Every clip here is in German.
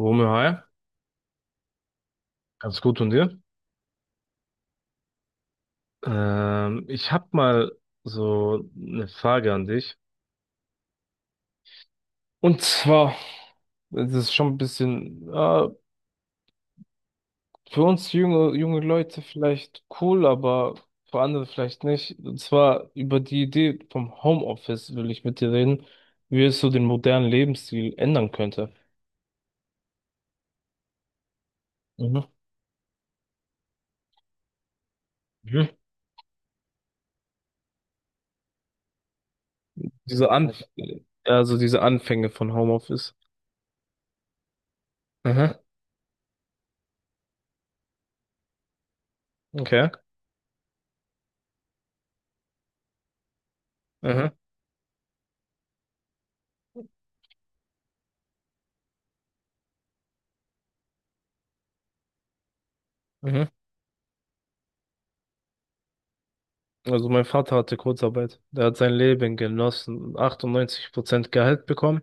Romeo, hi, ganz gut und dir? Ich habe mal so eine Frage an dich. Und zwar, das ist schon ein bisschen für uns junge Leute vielleicht cool, aber für andere vielleicht nicht. Und zwar über die Idee vom Homeoffice will ich mit dir reden, wie es so den modernen Lebensstil ändern könnte. Mhm. Mhm. Diese Anf Also diese Anfänge von Homeoffice. Mhm. Okay. Mhm. Mhm. Also mein Vater hatte Kurzarbeit. Der hat sein Leben genossen. 98% Gehalt bekommen.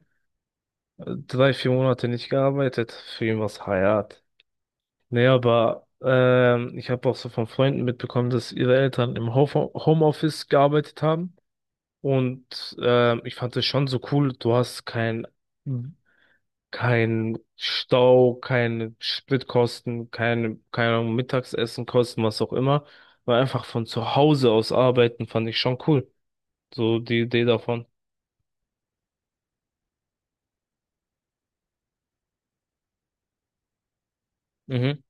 Drei, vier Monate nicht gearbeitet. Für ihn war's Hayat. Nee, aber ich habe auch so von Freunden mitbekommen, dass ihre Eltern im Ho Homeoffice gearbeitet haben. Und ich fand es schon so cool. Du hast kein Stau, keine Spritkosten, keine Ahnung, Mittagsessenkosten, was auch immer. Weil einfach von zu Hause aus arbeiten fand ich schon cool. So die Idee davon. Mhm.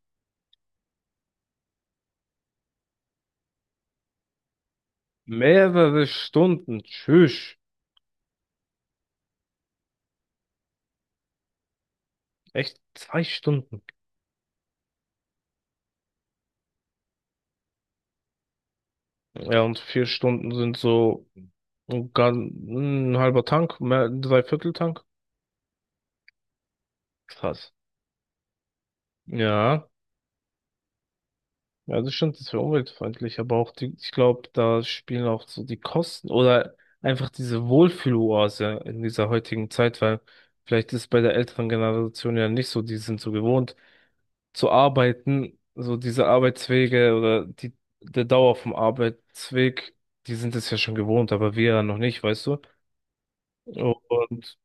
Mehrere Stunden. Tschüss. Echt zwei Stunden. Ja, und vier Stunden sind so ein, gan- ein halber Tank, mehr, ein Dreiviertel-Tank. Krass. Ja. Ja, das stimmt, das wäre umweltfreundlich, aber auch die, ich glaube, da spielen auch so die Kosten oder einfach diese Wohlfühloase in dieser heutigen Zeit, weil vielleicht ist bei der älteren Generation ja nicht so, die sind so gewohnt zu arbeiten, so diese Arbeitswege oder die, der Dauer vom Arbeitsweg, die sind es ja schon gewohnt, aber wir ja noch nicht, weißt du? Und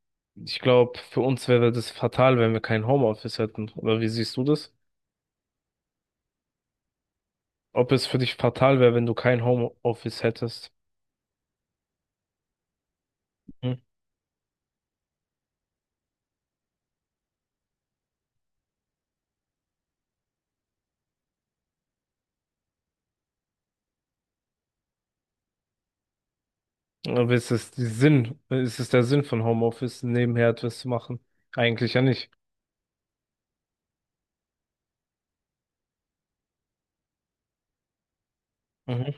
ich glaube, für uns wäre das fatal, wenn wir kein Homeoffice hätten. Oder wie siehst du das? Ob es für dich fatal wäre, wenn du kein Homeoffice hättest? Hm? Aber ist es die Sinn, ist es der Sinn von Homeoffice, nebenher etwas zu machen? Eigentlich ja nicht. Mhm.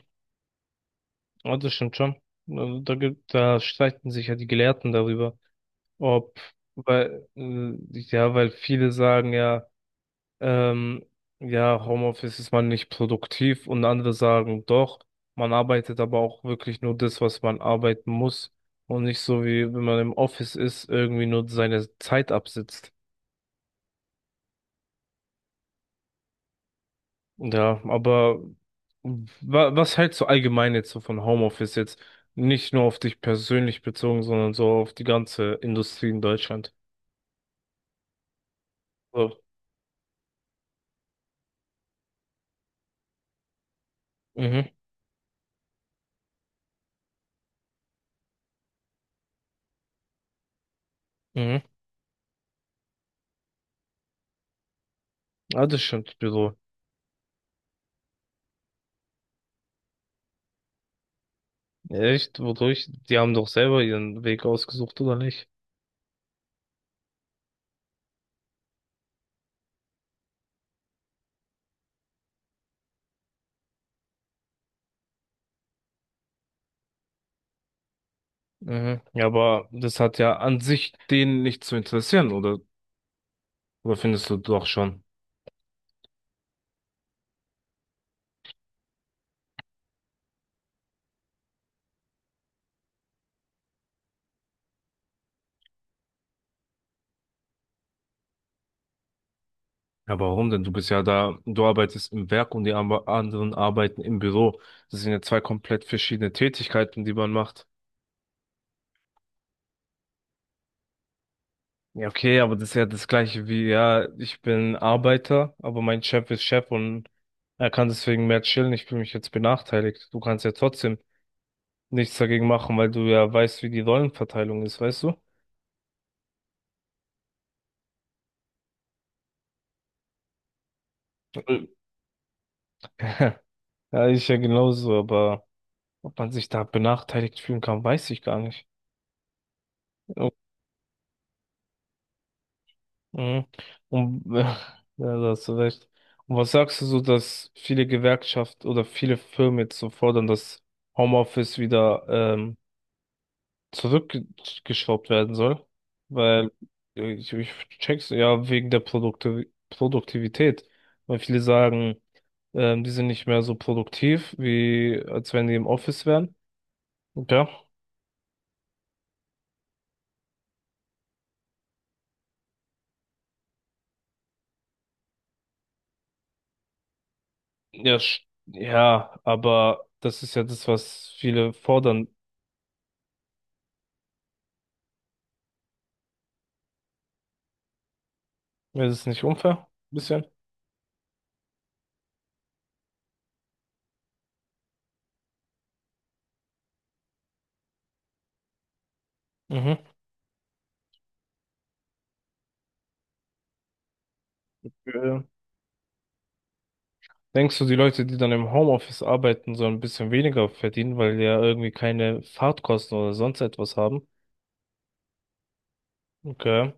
Ja, das stimmt schon. Also da streiten sich ja die Gelehrten darüber. ob, Weil, ja, weil viele sagen ja, ähm, ja, Homeoffice ist man nicht produktiv und andere sagen doch, man arbeitet aber auch wirklich nur das, was man arbeiten muss und nicht so wie wenn man im Office ist, irgendwie nur seine Zeit absitzt. Ja, aber wa was hältst du allgemein jetzt so von Homeoffice jetzt? Nicht nur auf dich persönlich bezogen, sondern so auf die ganze Industrie in Deutschland. So. Mhm, mhm. Ja, das stimmt, Büro. Echt? Wodurch? Die haben doch selber ihren Weg ausgesucht, oder nicht? Mhm. Ja, aber das hat ja an sich denen nicht zu interessieren, oder? Oder findest du doch schon? Ja, warum denn? Du bist ja da, du arbeitest im Werk und die anderen arbeiten im Büro. Das sind ja zwei komplett verschiedene Tätigkeiten, die man macht. Ja, okay, aber das ist ja das gleiche wie, ja, ich bin Arbeiter, aber mein Chef ist Chef und er kann deswegen mehr chillen. Ich fühle mich jetzt benachteiligt. Du kannst ja trotzdem nichts dagegen machen, weil du ja weißt, wie die Rollenverteilung ist, weißt du? Mhm. Ja, ich ja genauso, aber ob man sich da benachteiligt fühlen kann, weiß ich gar nicht. Oh, mhm. Und, ja, da hast du recht. Und was sagst du so, dass viele Gewerkschaften oder viele Firmen jetzt so fordern, dass Homeoffice wieder zurückgeschraubt werden soll, weil ich check's ja wegen der Produktivität, weil viele sagen, die sind nicht mehr so produktiv, wie als wenn die im Office wären. Und ja, ja, sch- ja, aber das ist ja das, was viele fordern. Wäre das nicht unfair? Ein bisschen? Mhm. Äh, Denkst du, die Leute, die dann im Homeoffice arbeiten, sollen ein bisschen weniger verdienen, weil die ja irgendwie keine Fahrtkosten oder sonst etwas haben? Okay.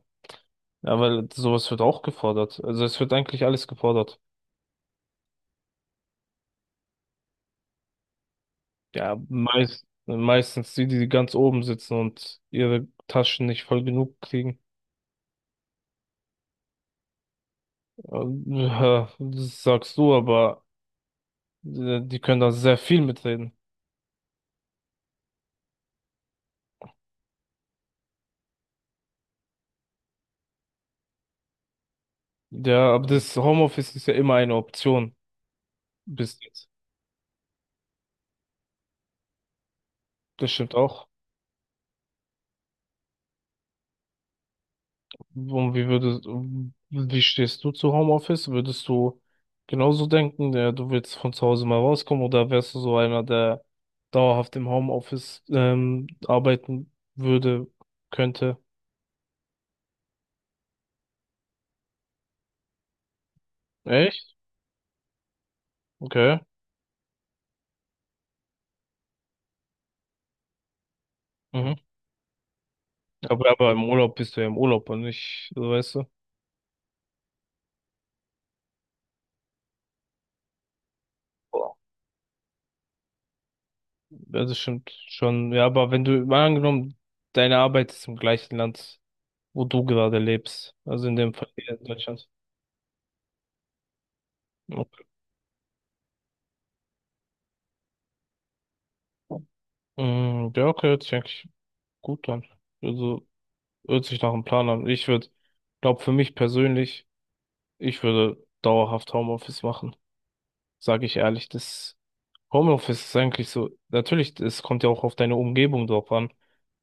Ja, weil sowas wird auch gefordert. Also es wird eigentlich alles gefordert. Ja, meistens die, die ganz oben sitzen und ihre Taschen nicht voll genug kriegen. Ähm, Das sagst du, aber die können da sehr viel mitreden. Ja, aber das Homeoffice ist ja immer eine Option bis jetzt. Das stimmt auch. Und wie stehst du zu Homeoffice? Würdest du genauso denken, du willst von zu Hause mal rauskommen oder wärst du so einer, der dauerhaft im Homeoffice arbeiten würde, könnte? Echt? Okay. Mhm. Aber im Urlaub bist du ja im Urlaub und nicht, so weißt du? Boah. Ja, das stimmt schon. Ja, aber wenn du, mal angenommen, deine Arbeit ist im gleichen Land, wo du gerade lebst, also in dem Fall hier in Deutschland. Okay. Mhm, ja, okay, check. Gut dann. Also hört sich nach einem Plan an. Glaube für mich persönlich, ich würde dauerhaft Homeoffice machen. Sage ich ehrlich, das Homeoffice ist eigentlich so, natürlich, es kommt ja auch auf deine Umgebung drauf an,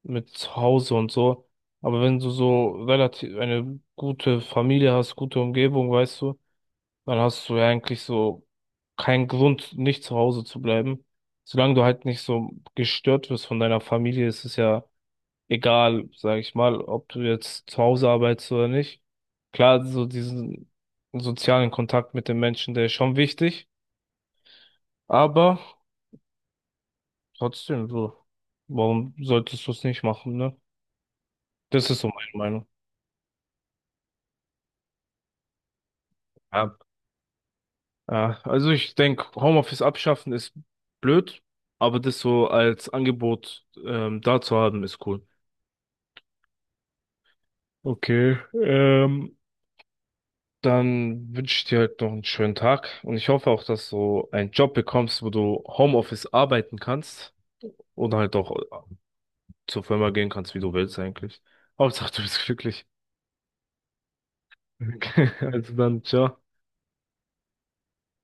mit zu Hause und so. Aber wenn du so relativ eine gute Familie hast, gute Umgebung, weißt du, dann hast du ja eigentlich so keinen Grund, nicht zu Hause zu bleiben. Solange du halt nicht so gestört wirst von deiner Familie, ist es ja egal, sage ich mal, ob du jetzt zu Hause arbeitest oder nicht. Klar, so diesen sozialen Kontakt mit den Menschen, der ist schon wichtig, aber trotzdem so, warum solltest du es nicht machen, ne? Das ist so meine Meinung. Ja, ja, also ich denke, Homeoffice abschaffen ist blöd, aber das so als Angebot da zu haben, ist cool. Okay, ähm, dann wünsche ich dir halt noch einen schönen Tag und ich hoffe auch, dass du einen Job bekommst, wo du Homeoffice arbeiten kannst oder halt auch zur Firma gehen kannst, wie du willst eigentlich. Hauptsache, du bist glücklich. Also dann, ciao.